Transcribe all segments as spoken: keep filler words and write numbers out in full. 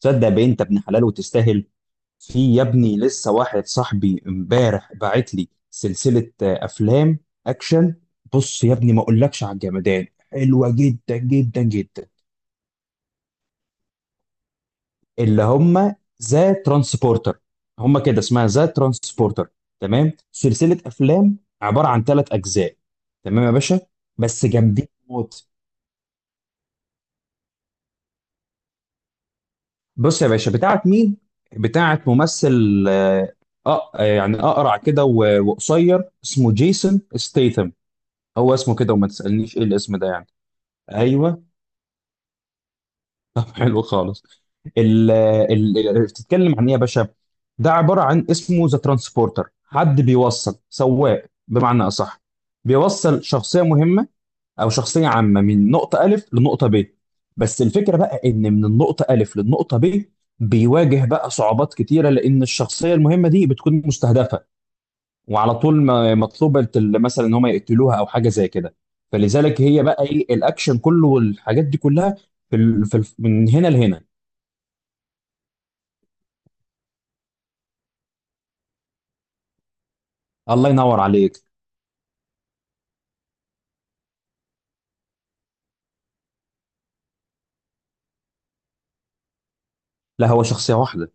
تصدق، بنت ابن حلال وتستاهل. في يا ابني لسه واحد صاحبي امبارح باعت لي سلسلة آه، أفلام أكشن. بص يا ابني، ما أقولكش على الجمدان، حلوة جدا جدا جدا. اللي هم ذا ترانسبورتر، هم كده اسمها ذا ترانسبورتر. تمام، سلسلة أفلام عبارة عن ثلاث أجزاء. تمام يا باشا، بس جامدين موت. بص يا باشا، بتاعت مين؟ بتاعت ممثل، آه آه، يعني اقرع كده و- وقصير، اسمه جيسون ستيثم. هو اسمه كده وما تسألنيش ايه الاسم ده يعني. ايوه. طب حلو خالص. ال ال بتتكلم عن ايه يا باشا؟ ده عبارة عن اسمه ذا ترانسبورتر، حد بيوصل سواق بمعنى اصح، بيوصل شخصية مهمة او شخصيه عامه من نقطه الف لنقطه ب. بس الفكره بقى ان من النقطه الف للنقطه ب، بيواجه بقى صعوبات كتيره لان الشخصيه المهمه دي بتكون مستهدفه، وعلى طول ما- مطلوبه، ال- مثلا ان هم يقتلوها او حاجه زي كده. فلذلك هي بقى ايه الاكشن كله والحاجات دي كلها في ال... في ال... من هنا لهنا. الله ينور عليك. لا، هو شخصيه واحده.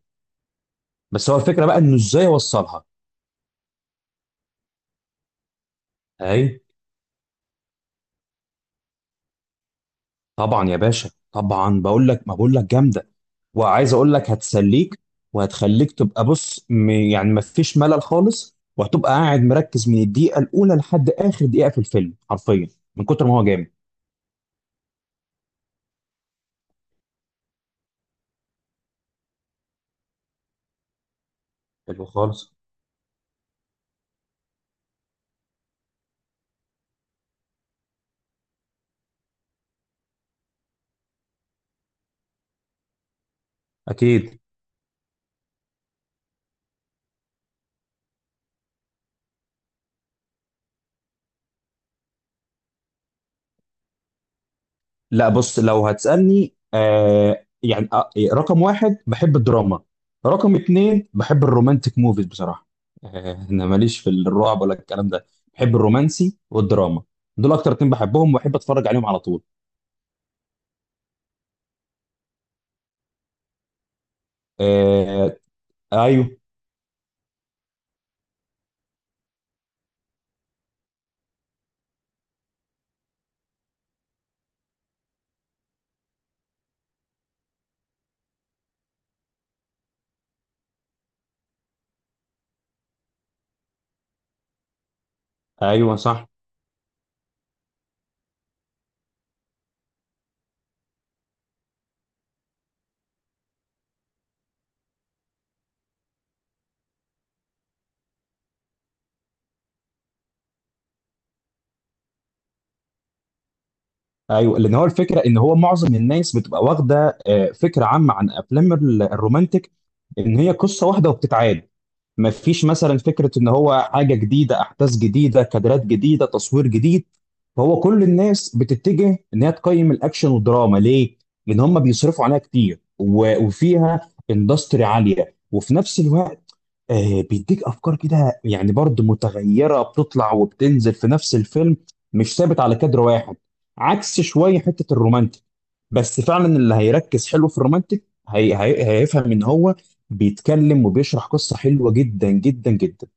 بس هو الفكره بقى انه ازاي يوصلها. اهي. طبعا يا باشا طبعا، بقول لك ما بقول لك جامده، وعايز اقول لك هتسليك وهتخليك تبقى بص، م- يعني ما فيش ملل خالص، وهتبقى قاعد مركز من الدقيقه الاولى لحد اخر دقيقه في الفيلم حرفيا من كتر ما هو جامد. حلو خالص. اكيد. لا بص، لو هتسالني، آه يعني آه رقم واحد بحب الدراما، رقم اتنين بحب الرومانتك موفيز بصراحه. آه انا ماليش في الرعب ولا الكلام ده، بحب الرومانسي والدراما، دول اكتر اتنين بحبهم وبحب اتفرج عليهم على طول. آه. ايوه. ايوه صح. ايوه، لان هو الفكره ان هو معظم الناس بتبقى واخده آه فكره عامه عن افلام ال- الرومانتك، ان هي قصه واحده وبتتعاد، ما فيش مثلا فكره ان هو حاجه جديده، احداث جديده، كادرات جديده، تصوير جديد. فهو كل الناس بتتجه ان هي تقيم الاكشن والدراما. ليه؟ لان هم بيصرفوا عليها كتير و- وفيها اندستري عاليه، وفي نفس الوقت آه، بيديك افكار كده يعني برضه متغيره، بتطلع وبتنزل في نفس الفيلم، مش ثابت على كادر واحد عكس شويه حته الرومانتك. بس فعلا اللي هيركز حلو في الرومانتك هي هي هيفهم ان هو بيتكلم وبيشرح قصه حلوه جدا جدا جدا.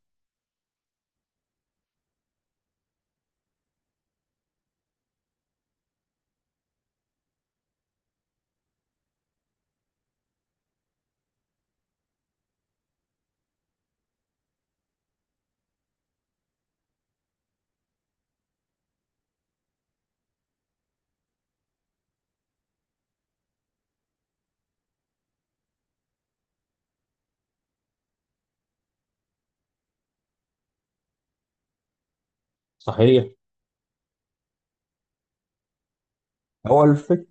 صحيح. هو الفكر.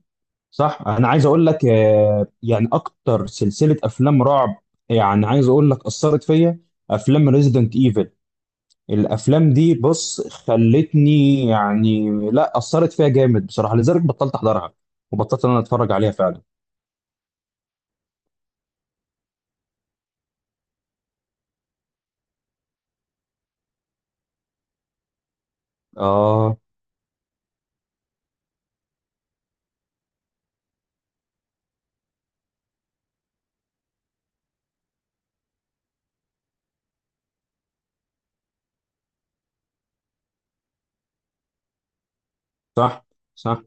صح، انا عايز اقول لك آه، يعني اكتر سلسله افلام رعب، يعني عايز اقول لك اثرت فيا افلام ريزيدنت ايفل. الافلام دي بص خلتني يعني لا اثرت فيها جامد بصراحه، لذلك بطلت احضرها وبطلت ان انا اتفرج عليها فعلا. اه. صح صح.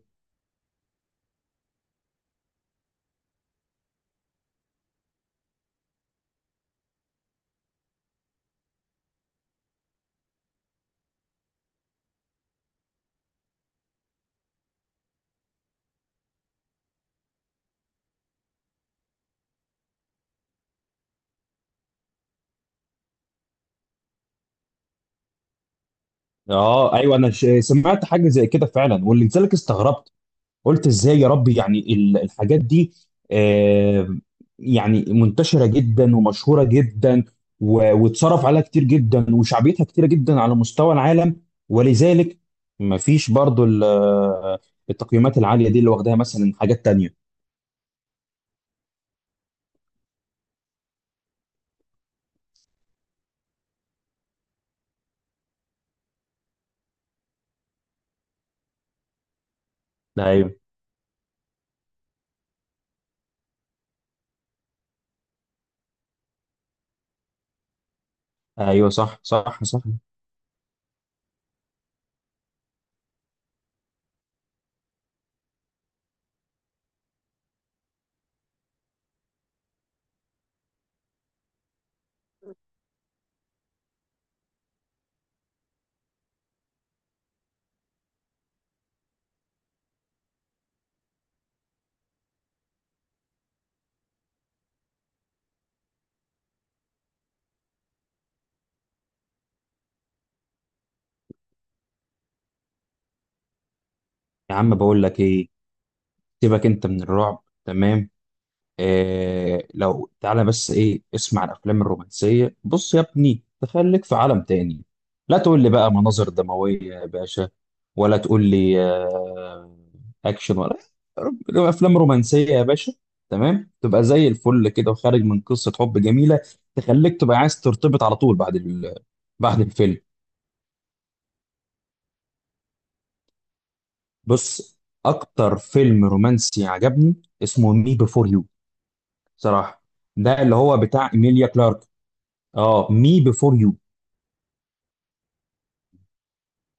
اه ايوه، انا ش- سمعت حاجه زي كده فعلا، ولذلك استغربت، قلت ازاي يا ربي يعني ال- الحاجات دي آه، يعني منتشرة جدا ومشهورة جدا و- واتصرف عليها كتير جدا وشعبيتها كتيرة جدا على مستوى العالم، ولذلك مفيش برضو ال- آه، التقييمات العالية دي اللي واخداها مثلا حاجات تانية. ايوه ايوه، صح صح صح. يا عم بقول لك ايه، سيبك انت من الرعب تمام. إيه، لو تعالى بس ايه اسمع الافلام الرومانسيه، بص يا ابني تخليك في عالم تاني. لا تقول لي بقى مناظر دمويه يا باشا، ولا تقول لي آه، اكشن، ولا رو- افلام رومانسيه يا باشا، تمام تبقى زي الفل كده وخارج من قصه حب جميله، تخليك تبقى عايز ترتبط على طول بعد ال... بعد الفيلم. بص، اكتر فيلم رومانسي عجبني اسمه مي بيفور يو، صراحه. ده اللي هو بتاع ايميليا كلارك. اه، مي بيفور يو.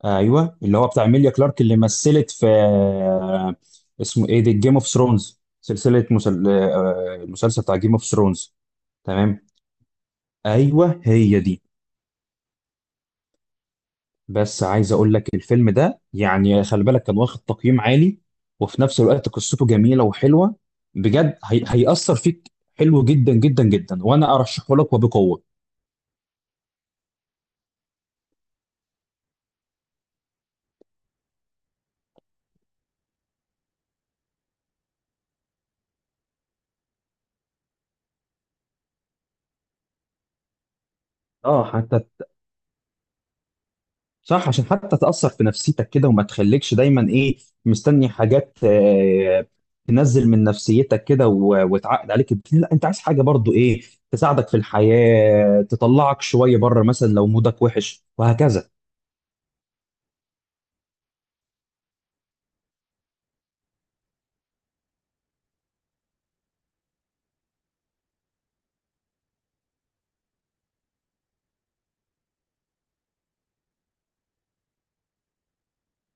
ايوه، اللي هو بتاع ميليا كلارك اللي مثلت في آه، اسمه ايه ده، جيم اوف ثرونز، سلسله مسل... آه، المسلسل بتاع جيم اوف ثرونز. تمام. ايوه هي دي. بس عايز اقول لك الفيلم ده يعني خلي بالك كان واخد تقييم عالي، وفي نفس الوقت قصته جميله وحلوه، بجد هي... هيأثر فيك حلو جدا جدا جدا، وانا ارشحه لك وبقوه. اه، حتى. صح، عشان حتى تأثر في نفسيتك كده وما تخليكش دايما ايه مستني حاجات آه، تنزل من نفسيتك كده و- وتعقد عليك. لا، انت عايز حاجة برضو ايه تساعدك في الحياة، تطلعك شوية بره مثلا لو مودك وحش وهكذا.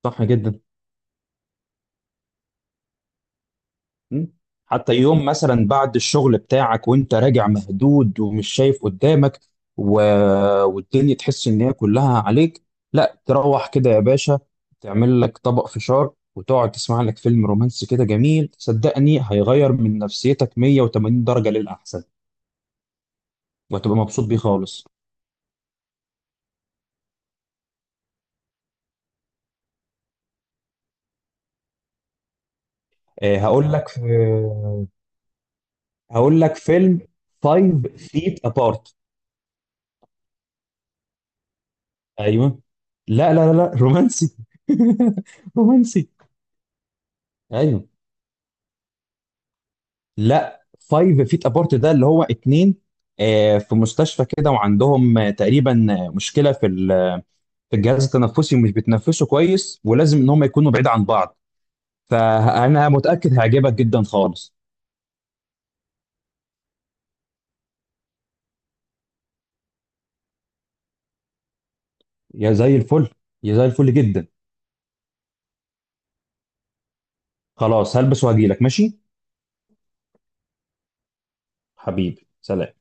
صح جدا. مم. حتى يوم مثلا بعد الشغل بتاعك وانت راجع مهدود ومش شايف قدامك و... والدنيا تحس ان هي كلها عليك، لا تروح كده يا باشا، تعمل لك طبق فشار وتقعد تسمع لك فيلم رومانسي كده جميل، صدقني هيغير من نفسيتك مية وتمانين درجة للأحسن، وهتبقى مبسوط بيه خالص. آه، هقول لك، آه، هقول لك فيلم Five Feet Apart. ايوه. لا لا لا لا، رومانسي. رومانسي. ايوه. لا، فايف فيت ابارت ده اللي هو اتنين، آه، في مستشفى كده، وعندهم آه، تقريبا آه، مشكله في ال- في الجهاز التنفسي، ومش بيتنفسوا كويس ولازم ان هم يكونوا بعيد عن بعض. فانا متاكد هيعجبك جدا خالص. يا زي الفل، يا زي الفل جدا. خلاص، هلبس وهجيلك ماشي. حبيبي، سلام.